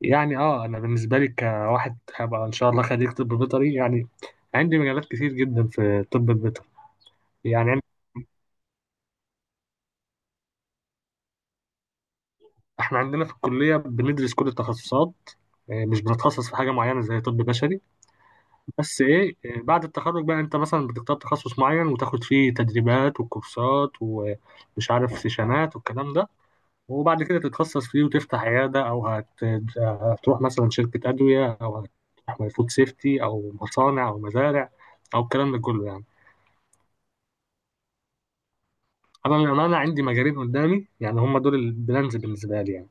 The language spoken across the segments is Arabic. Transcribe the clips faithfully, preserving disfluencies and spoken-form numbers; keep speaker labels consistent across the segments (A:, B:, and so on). A: يعني اه انا بالنسبه لي كواحد هبقى ان شاء الله خريج طب بيطري يعني عندي مجالات كتير جدا في الطب البيطري. يعني عن- احنا عندنا في الكليه بندرس كل التخصصات، آه، مش بنتخصص في حاجه معينه زي طب بشري. بس ايه، آه، بعد التخرج بقى انت مثلا بتختار تخصص معين وتاخد فيه تدريبات وكورسات ومش عارف سيشنات والكلام ده، وبعد كده تتخصص فيه وتفتح عياده او هت... هتروح مثلا شركه ادويه، او هتروح فود سيفتي او مصانع او مزارع، او الكلام ده كله يعني. انا للامانه عندي مجالين قدامي، يعني هم دول البلانز بالنسبه لي يعني.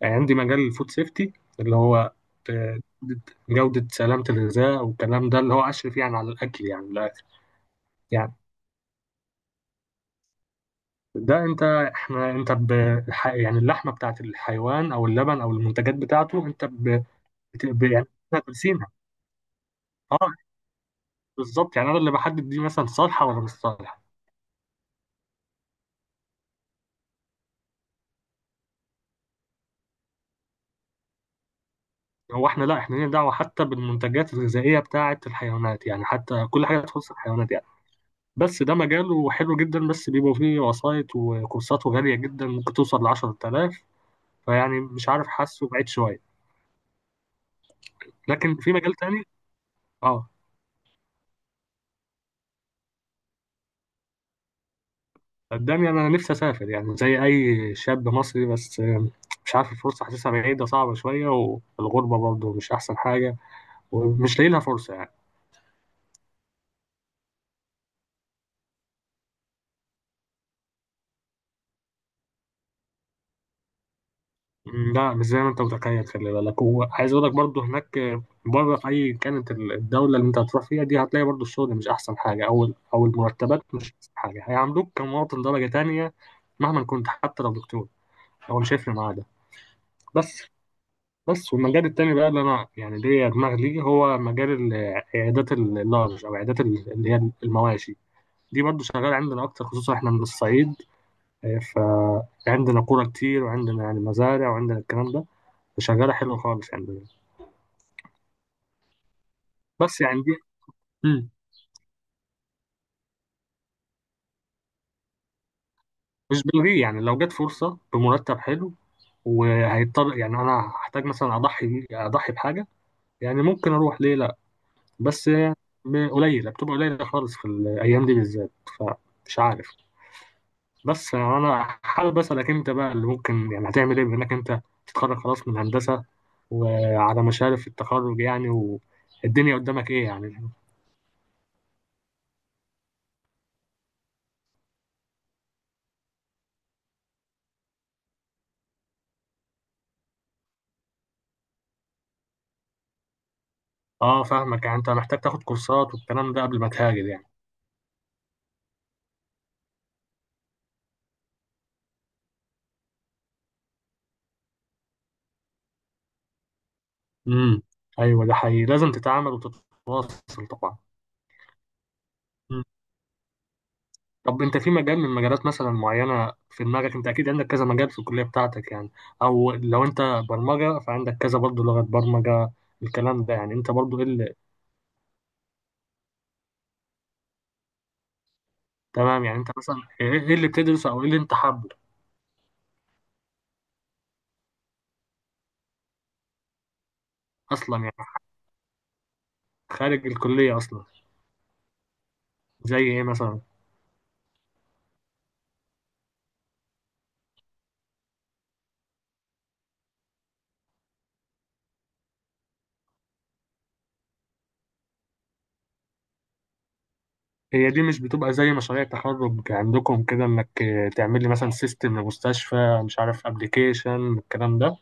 A: يعني عندي مجال الفود سيفتي، اللي هو آه، جوده سلامه الغذاء والكلام ده، اللي هو اشرف يعني على الاكل يعني من الاخر. يعني ده انت احنا انت ب... الح- يعني اللحمه بتاعت الحيوان او اللبن او المنتجات بتاعته، انت ب... بت... ب... يعني احنا بنسينها. اه بالظبط، يعني انا اللي بحدد دي مثلا صالحه ولا مش صالحه. هو احنا لا احنا لينا دعوه حتى بالمنتجات الغذائيه بتاعت الحيوانات، يعني حتى كل حاجه تخص الحيوانات يعني. بس ده مجاله حلو جدا، بس بيبقوا فيه وسايط وكورساته غالية جدا، ممكن توصل لعشرة آلاف. فيعني مش عارف، حاسه بعيد شوية. لكن في مجال تاني. اه قدامي أنا نفسي أسافر يعني زي أي شاب مصري، بس مش عارف الفرصة حاسسها بعيدة صعبة شوية، والغربة برضه مش أحسن حاجة، ومش لاقي لها فرصة يعني. مم، لا مش زي ما انت متخيل، خلي بالك، وعايز اقول لك برضو هناك، آه، بره، في اي كانت ال- الدوله اللي انت هتروح فيها دي، هتلاقي برضو الشغل مش احسن حاجه، او ال- او المرتبات مش احسن حاجه، هيعاملوك كمواطن درجه تانية. مهما كنت، حتى لو دكتور، هو مش هيفرق معاه ده. بس بس والمجال التاني بقى اللي انا يعني ليا دماغ ليه، هو مجال ال- عيادات اللارج، او عيادات ال- اللي هي المواشي. دي برضو شغاله عندنا اكتر، خصوصا احنا من الصعيد، آه، فعندنا قرى كتير، وعندنا يعني مزارع، وعندنا الكلام ده. شغالة حلوة خالص يعني. بس يعني دي مم. مش بلغيه، يعني لو جت فرصة بمرتب حلو، وهيضطر يعني أنا هحتاج مثلا أضحي أضحي بحاجة يعني، ممكن أروح ليه. لأ بس ب- قليلة، بتبقى قليلة خالص في الأيام دي بالذات، فمش عارف. بس أنا حابب أسألك أنت بقى، اللي ممكن يعني هتعمل إيه، بما إنك أنت تتخرج خلاص من هندسة، وعلى مشارف التخرج يعني، والدنيا قدامك إيه يعني؟ أه فاهمك، يعني أنت محتاج تاخد كورسات والكلام ده قبل ما تهاجر يعني. امم، ايوه ده حقيقي، لازم تتعامل وتتواصل طبعا. مم. طب انت في مجال من مجالات مثلا معينه في دماغك؟ انت اكيد عندك كذا مجال في الكليه بتاعتك يعني، او لو انت برمجه فعندك كذا برضه لغه برمجه، الكلام ده. يعني انت برضه ايه اللي، تمام يعني انت مثلا ايه، إيه اللي بتدرسه او ايه اللي انت حابه اصلا يعني، خارج الكليه اصلا، زي ايه مثلا؟ هي دي مش بتبقى زي مشاريع تخرج عندكم كده، انك آه، تعمل لي مثلا سيستم لمستشفى، مش عارف ابلكيشن، الكلام ده.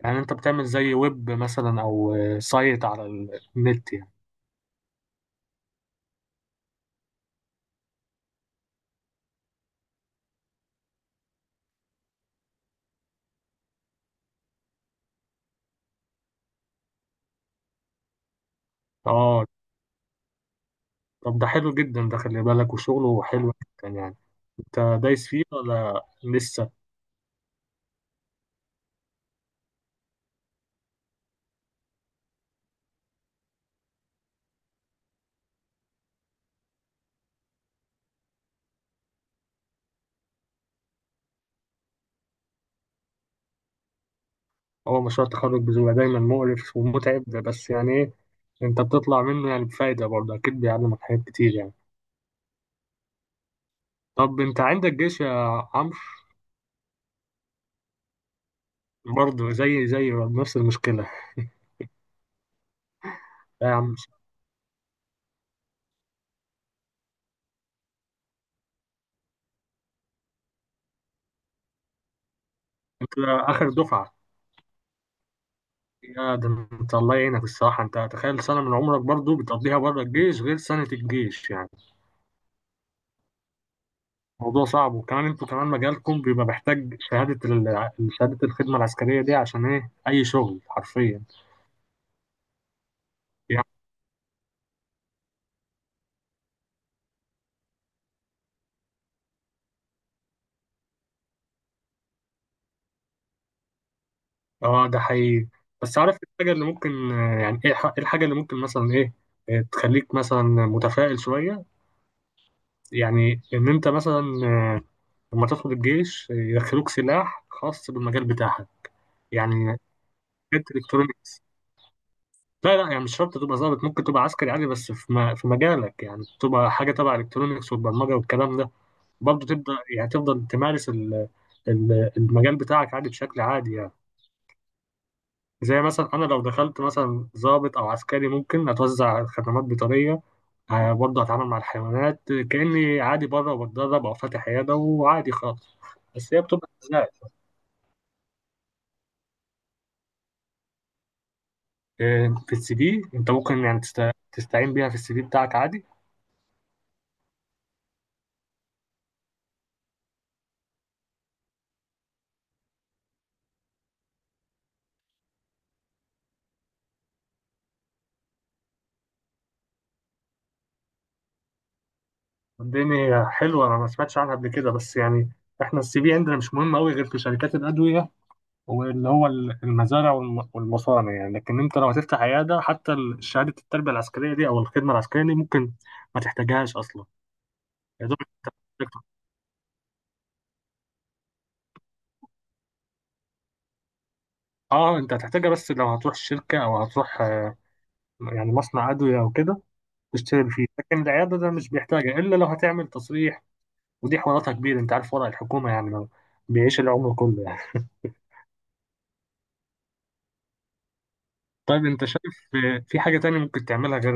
A: يعني انت بتعمل زي ويب مثلا او سايت على النت يعني؟ اه طب ده حلو جدا، ده خلي بالك وشغله حلو جدا يعني. انت دايس فيه ولا لسه؟ هو مشروع التخرج بيبقى دايما مقرف ومتعب، بس يعني ايه، انت بتطلع منه يعني بفايدة برضه، اكيد بيعلمك حاجات كتير يعني. طب انت عندك جيش يا عمرو؟ برضه زي زي نفس المشكلة. لا يا عم، انت اخر دفعة! يا ده انت الله يعينك الصراحة، انت تخيل سنة من عمرك برضه بتقضيها بره الجيش، غير سنة الجيش يعني. موضوع صعب، وكمان انتوا كمان مجالكم بيبقى محتاج شهادة ال- شهادة الخدمة العسكرية دي عشان ايه، أي شغل حرفيا يعني. اه ده حقيقي. بس عارف إيه الحاجة اللي ممكن، آه، يعني ايه الح- إيه الحاجة اللي ممكن مثلا ايه، آه، تخليك مثلا متفائل شوية، يعني ان انت مثلا، آه، لما تدخل الجيش، آه، يدخلوك سلاح خاص بالمجال بتاعك، يعني حاجات الكترونيكس. لا لا، يعني مش شرط تبقى ظابط، ممكن تبقى عسكري عادي، بس في م- في مجالك يعني، تبقى حاجة تبع الكترونيكس والبرمجة والكلام ده، برضه تبدا يعني تفضل تمارس ال- ال- المجال بتاعك عادي بشكل عادي يعني. زي مثلا انا لو دخلت مثلا ضابط او عسكري، ممكن اتوزع خدمات بيطريه، آه، برضه اتعامل مع الحيوانات كاني عادي بره، وبتدرب او فاتح عياده، وعادي خالص. بس هي بتبقى ازاي؟ آه، في السي في انت ممكن يعني تست- تستعين بيها في السي في بتاعك عادي. الدنيا حلوه، انا ما سمعتش عنها قبل كده، بس يعني احنا السي في عندنا مش مهم قوي غير في شركات الادويه، واللي هو ال- المزارع والم- والمصانع يعني. لكن انت لو هتفتح عياده حتى ال- شهاده التربيه العسكريه دي او الخدمه العسكريه دي ممكن ما تحتاجهاش اصلا. يا دوب انت، اه انت هتحتاجها بس لو هتروح شركه، او هتروح آه، يعني مصنع ادويه او كده، تشتغل فيه. لكن العياده ده مش بيحتاجها الا لو هتعمل تصريح، ودي حواراتها كبيره، انت عارف ورق الحكومه يعني، لو بيعيش العمر كله يعني. طيب انت شايف آه، في حاجه تانية ممكن تعملها غير،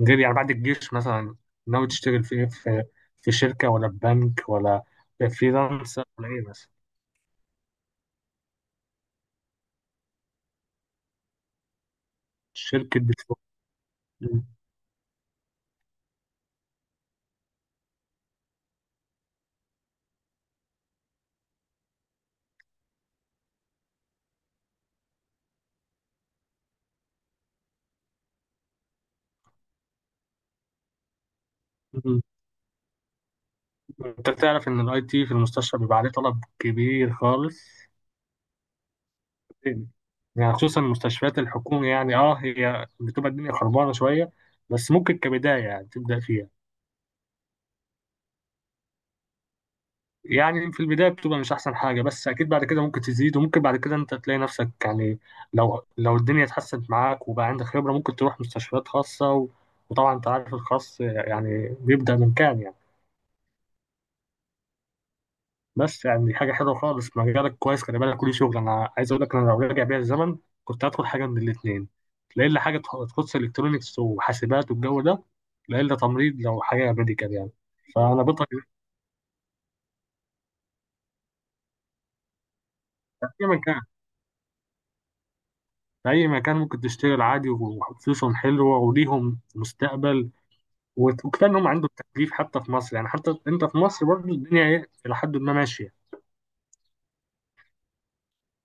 A: غير يعني بعد الجيش مثلا، ناوي تشتغل في ايه، في في شركة ولا في بنك، ولا فريلانس ولا ايه مثلا؟ شركة بترول. مم. مم. انت تعرف ان الاي تي في المستشفى بيبقى عليه طلب كبير خالص؟ يعني خصوصا المستشفيات الحكومية، يعني اه هي بتبقى الدنيا خربانة شوية، بس ممكن كبداية يعني تبدأ فيها. يعني في البداية بتبقى مش أحسن حاجة، بس أكيد بعد كده ممكن تزيد، وممكن بعد كده أنت تلاقي نفسك يعني، لو لو الدنيا اتحسنت معاك وبقى عندك خبرة، ممكن تروح مستشفيات خاصة و... وطبعا أنت عارف الخاص يعني بيبدأ من كام يعني. بس يعني دي حاجة حلوة خالص، مجالك كويس، خلي بالك وليه شغل. أنا عايز أقول لك، أنا لو راجع بيا الزمن، كنت هدخل حاجة من الاتنين، لا إلا حاجة تخ- تخص إلكترونيكس وحاسبات والجو ده، لا إلا تمريض لو حاجة ميديكال يعني. فأنا بطل. أيا كان، في أي مكان ممكن تشتغل عادي، وفلوسهم حلوة، وليهم مستقبل، وت- وكفاية إنهم عندهم تكليف حتى في مصر يعني، حتى أنت في مصر برضه الدنيا إيه إلى حد ما ماشية.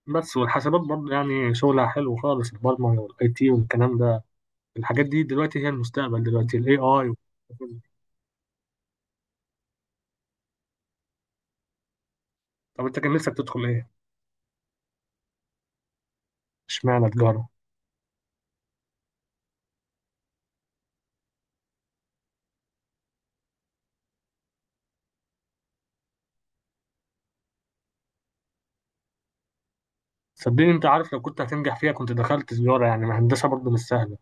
A: بس والحسابات برضه يعني شغلها حلو خالص، البرمجة والأي تي والكلام ده، الحاجات دي دلوقتي هي المستقبل، دلوقتي ال إيه آي. طب أنت كان نفسك تدخل إيه؟ اشمعنى تجارة؟ صدقني أنت عارف، لو كنت هتنجح فيها كنت دخلت تجارة يعني، ما هندسة برضه مش سهلة.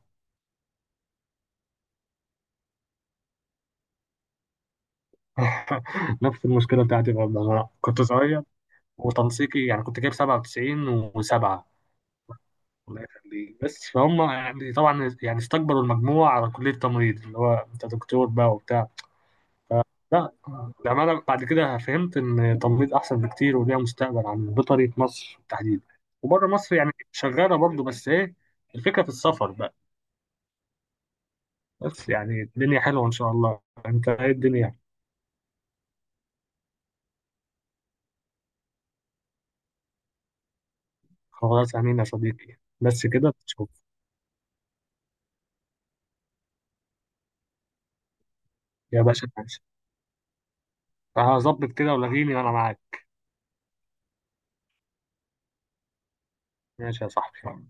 A: نفس المشكلة بتاعتي برضه، أنا كنت صغير، وتنسيقي يعني كنت جايب سبعة وتسعين و7. الله يخليك، بس فهم يعني، طبعا يعني استكبروا المجموعة على كلية تمريض، اللي هو انت دكتور بقى وبتاع. لا، لما بعد كده فهمت ان تمريض احسن بكتير وليها مستقبل عن بيطري في مصر تحديدا. وبره مصر يعني شغالة برضو بس ايه، الفكرة في السفر بقى. بس يعني الدنيا حلوة ان شاء الله. انت ايه الدنيا؟ خلاص، امين يا صديقي، بس كده تشوف. يا باشا ماشي، هظبط كده ولاغيني وانا معاك. ماشي يا صاحبي.